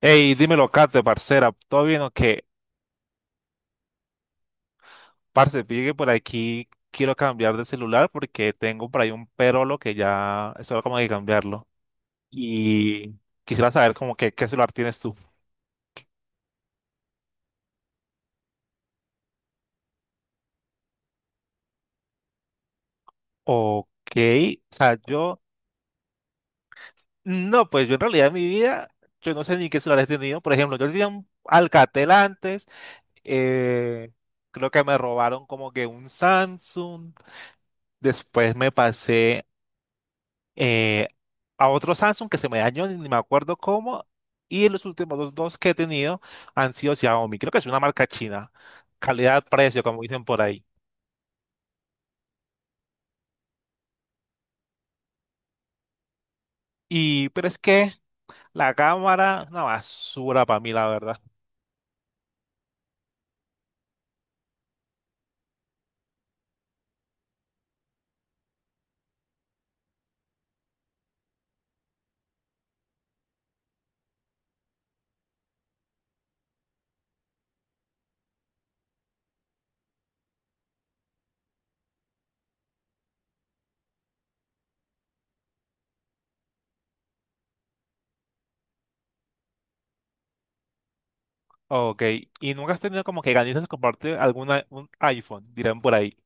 Ey, dímelo, Kate, parcera, ¿todo bien o qué? Parce, fíjate que por aquí, quiero cambiar de celular porque tengo por ahí un perolo que ya es hora como de cambiarlo. Y quisiera saber como que qué celular tienes tú. Ok, o sea, yo, no, pues yo en realidad en mi vida, yo no sé ni qué celular he tenido. Por ejemplo, yo tenía un Alcatel antes, eh, creo que me robaron como que un Samsung, después me pasé eh, a otro Samsung que se me dañó, ni me acuerdo cómo, y los últimos dos que he tenido han sido Xiaomi, creo que es una marca china, calidad-precio, como dicen por ahí. Y, pero es que la cámara, una basura para mí, la verdad. Ok, y nunca has tenido como que ganas de compartir alguna, un iPhone, dirán por ahí.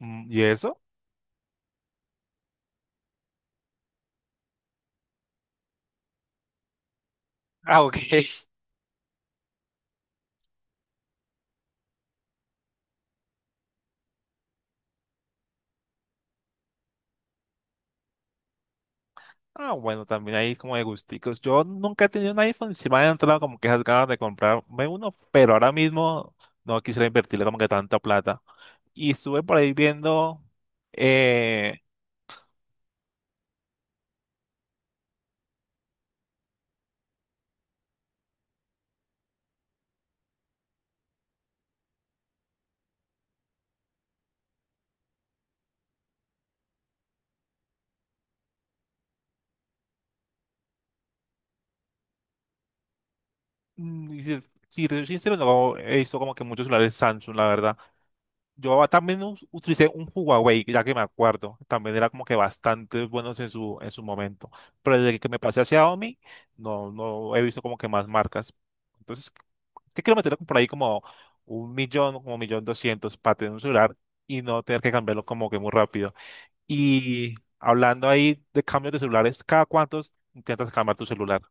Mm, ¿y eso? Ah, ok. Ah, bueno, también hay como de gusticos. Yo nunca he tenido un iPhone, sí me han entrado como que esas ganas de comprarme uno, pero ahora mismo no quisiera invertirle como que tanta plata. Y estuve por ahí viendo, eh, y si te soy sincero, no he visto como que muchos celulares Samsung, la verdad. Yo también utilicé un Huawei, ya que me acuerdo. También era como que bastante buenos en su momento. Pero desde que me pasé hacia Xiaomi, no, no he visto como que más marcas. Entonces, ¿qué quiero meter por ahí como 1.000.000, como 1.200.000 para tener un celular y no tener que cambiarlo como que muy rápido? Y hablando ahí de cambios de celulares, ¿cada cuántos intentas cambiar tu celular?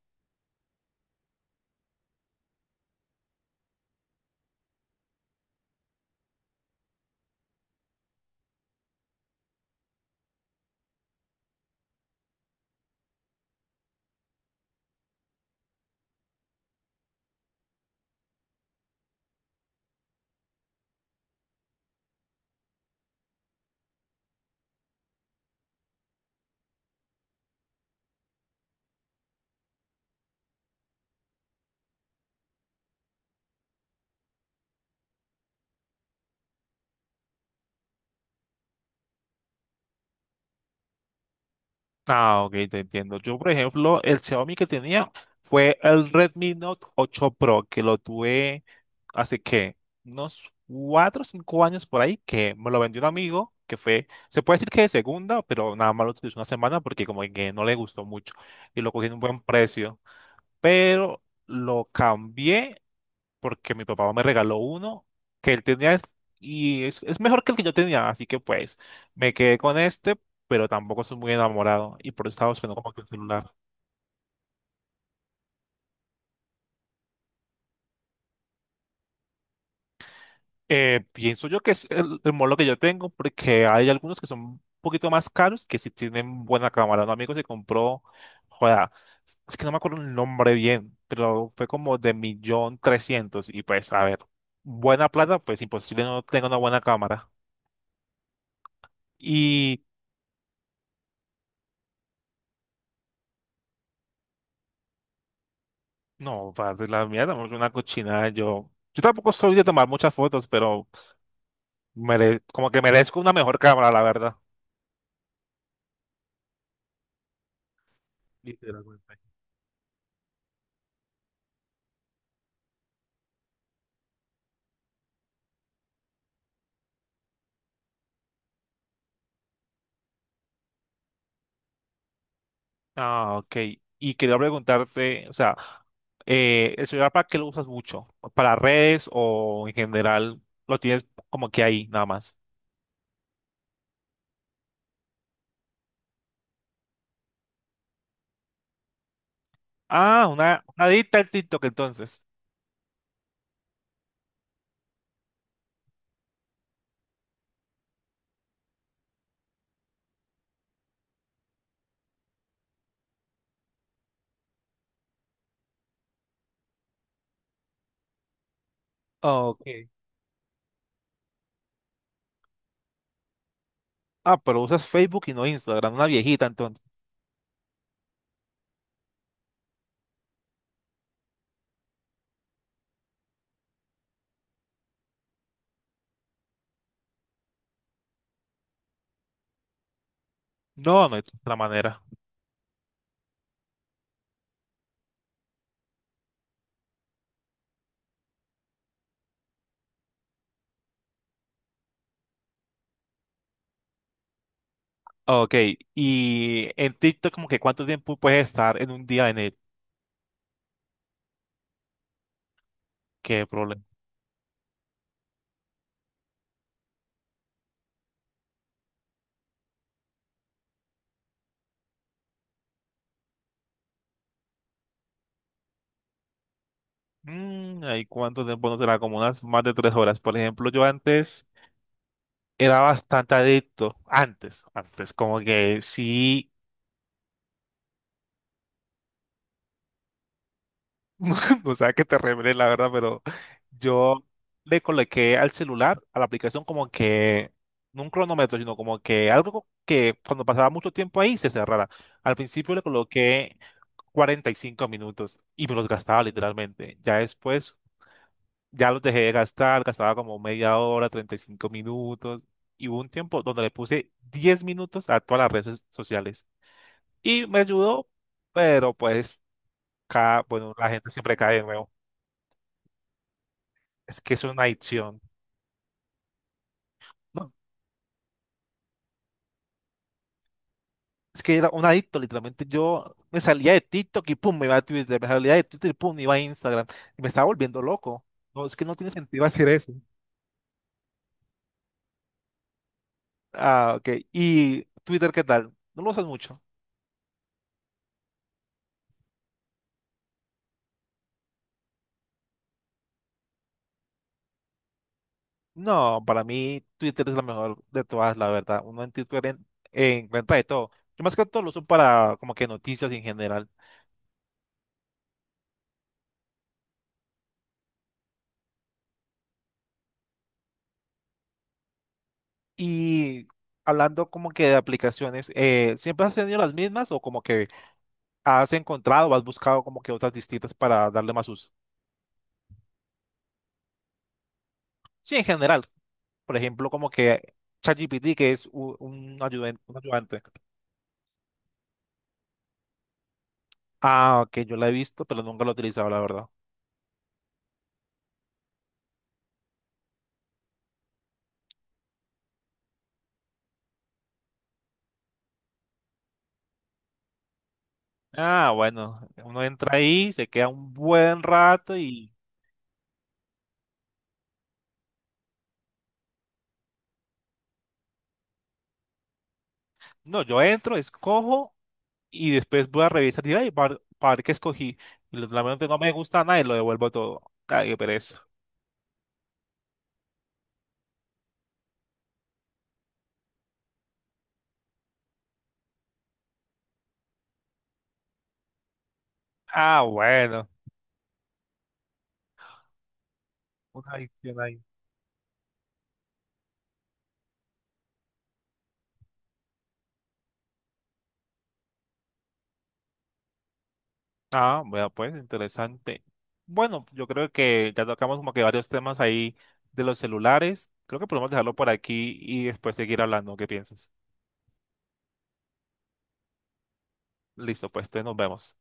Ah, ok, te entiendo. Yo, por ejemplo, el Xiaomi que tenía fue el Redmi Note 8 Pro, que lo tuve hace que unos 4 o 5 años por ahí, que me lo vendió un amigo, que fue, se puede decir que de segunda, pero nada más lo utilizó una semana porque como que no le gustó mucho y lo cogí en un buen precio. Pero lo cambié porque mi papá me regaló uno que él tenía y es mejor que el que yo tenía, así que pues me quedé con este, pero tampoco soy muy enamorado y por eso estaba buscando como que un celular. Pienso yo que es el modelo que yo tengo porque hay algunos que son un poquito más caros que si tienen buena cámara. Un amigo se compró, joda, es que no me acuerdo el nombre bien, pero fue como de 1.300.000 y pues a ver, buena plata, pues imposible no tenga una buena cámara. No, padre, la mierda, porque una cochinada. Yo tampoco soy de tomar muchas fotos, pero como que merezco una mejor cámara, la verdad. Literalmente. Ah, ok. Y quería preguntarte, o sea, ¿el celular para qué lo usas mucho? ¿Para redes o en general lo tienes como que ahí, nada más? Ah, una adicta al TikTok entonces. Ok. Ah, pero usas Facebook y no Instagram, una viejita entonces. No, no es otra manera. Ok, y en TikTok como que cuánto tiempo puedes estar en un día en él, qué problema. Mm, ¿y cuánto tiempo no será? Como unas más de 3 horas. Por ejemplo, yo antes era bastante adicto, antes, antes, como que sí. O sea que te revelé la verdad, pero yo le coloqué al celular, a la aplicación como que, no un cronómetro, sino como que algo que cuando pasaba mucho tiempo ahí se cerrara. Al principio le coloqué 45 minutos y me los gastaba literalmente. Ya los dejé de gastar, gastaba como media hora, 35 minutos. Y hubo un tiempo donde le puse 10 minutos a todas las redes sociales. Y me ayudó, pero pues, bueno, la gente siempre cae de nuevo. Es que es una adicción. No, es que era un adicto, literalmente. Yo me salía de TikTok y pum, me iba a Twitter. Me salía de Twitter y pum, me iba a Instagram. Y me estaba volviendo loco. No, es que no tiene sentido hacer eso. Ah, ok. ¿Y Twitter qué tal? ¿No lo usas mucho? No, para mí Twitter es la mejor de todas, la verdad. Uno en Twitter encuentra de todo. Yo más que todo lo uso para como que noticias en general. Y hablando como que de aplicaciones, ¿siempre has tenido las mismas o como que has encontrado o has buscado como que otras distintas para darle más uso? Sí, en general. Por ejemplo, como que ChatGPT, que es un ayudante. Ah, ok, yo la he visto, pero nunca lo he utilizado, la verdad. Ah, bueno, uno entra ahí, se queda un buen rato. No, yo entro, escojo y después voy a revisar y ay, para ver qué escogí. Y realmente no me gusta nada y lo devuelvo todo. Ay, qué pereza. Ah, bueno. Una adicción ahí. Ah, bueno, pues interesante. Bueno, yo creo que ya tocamos como que varios temas ahí de los celulares. Creo que podemos dejarlo por aquí y después seguir hablando. ¿Qué piensas? Listo, pues, entonces nos vemos.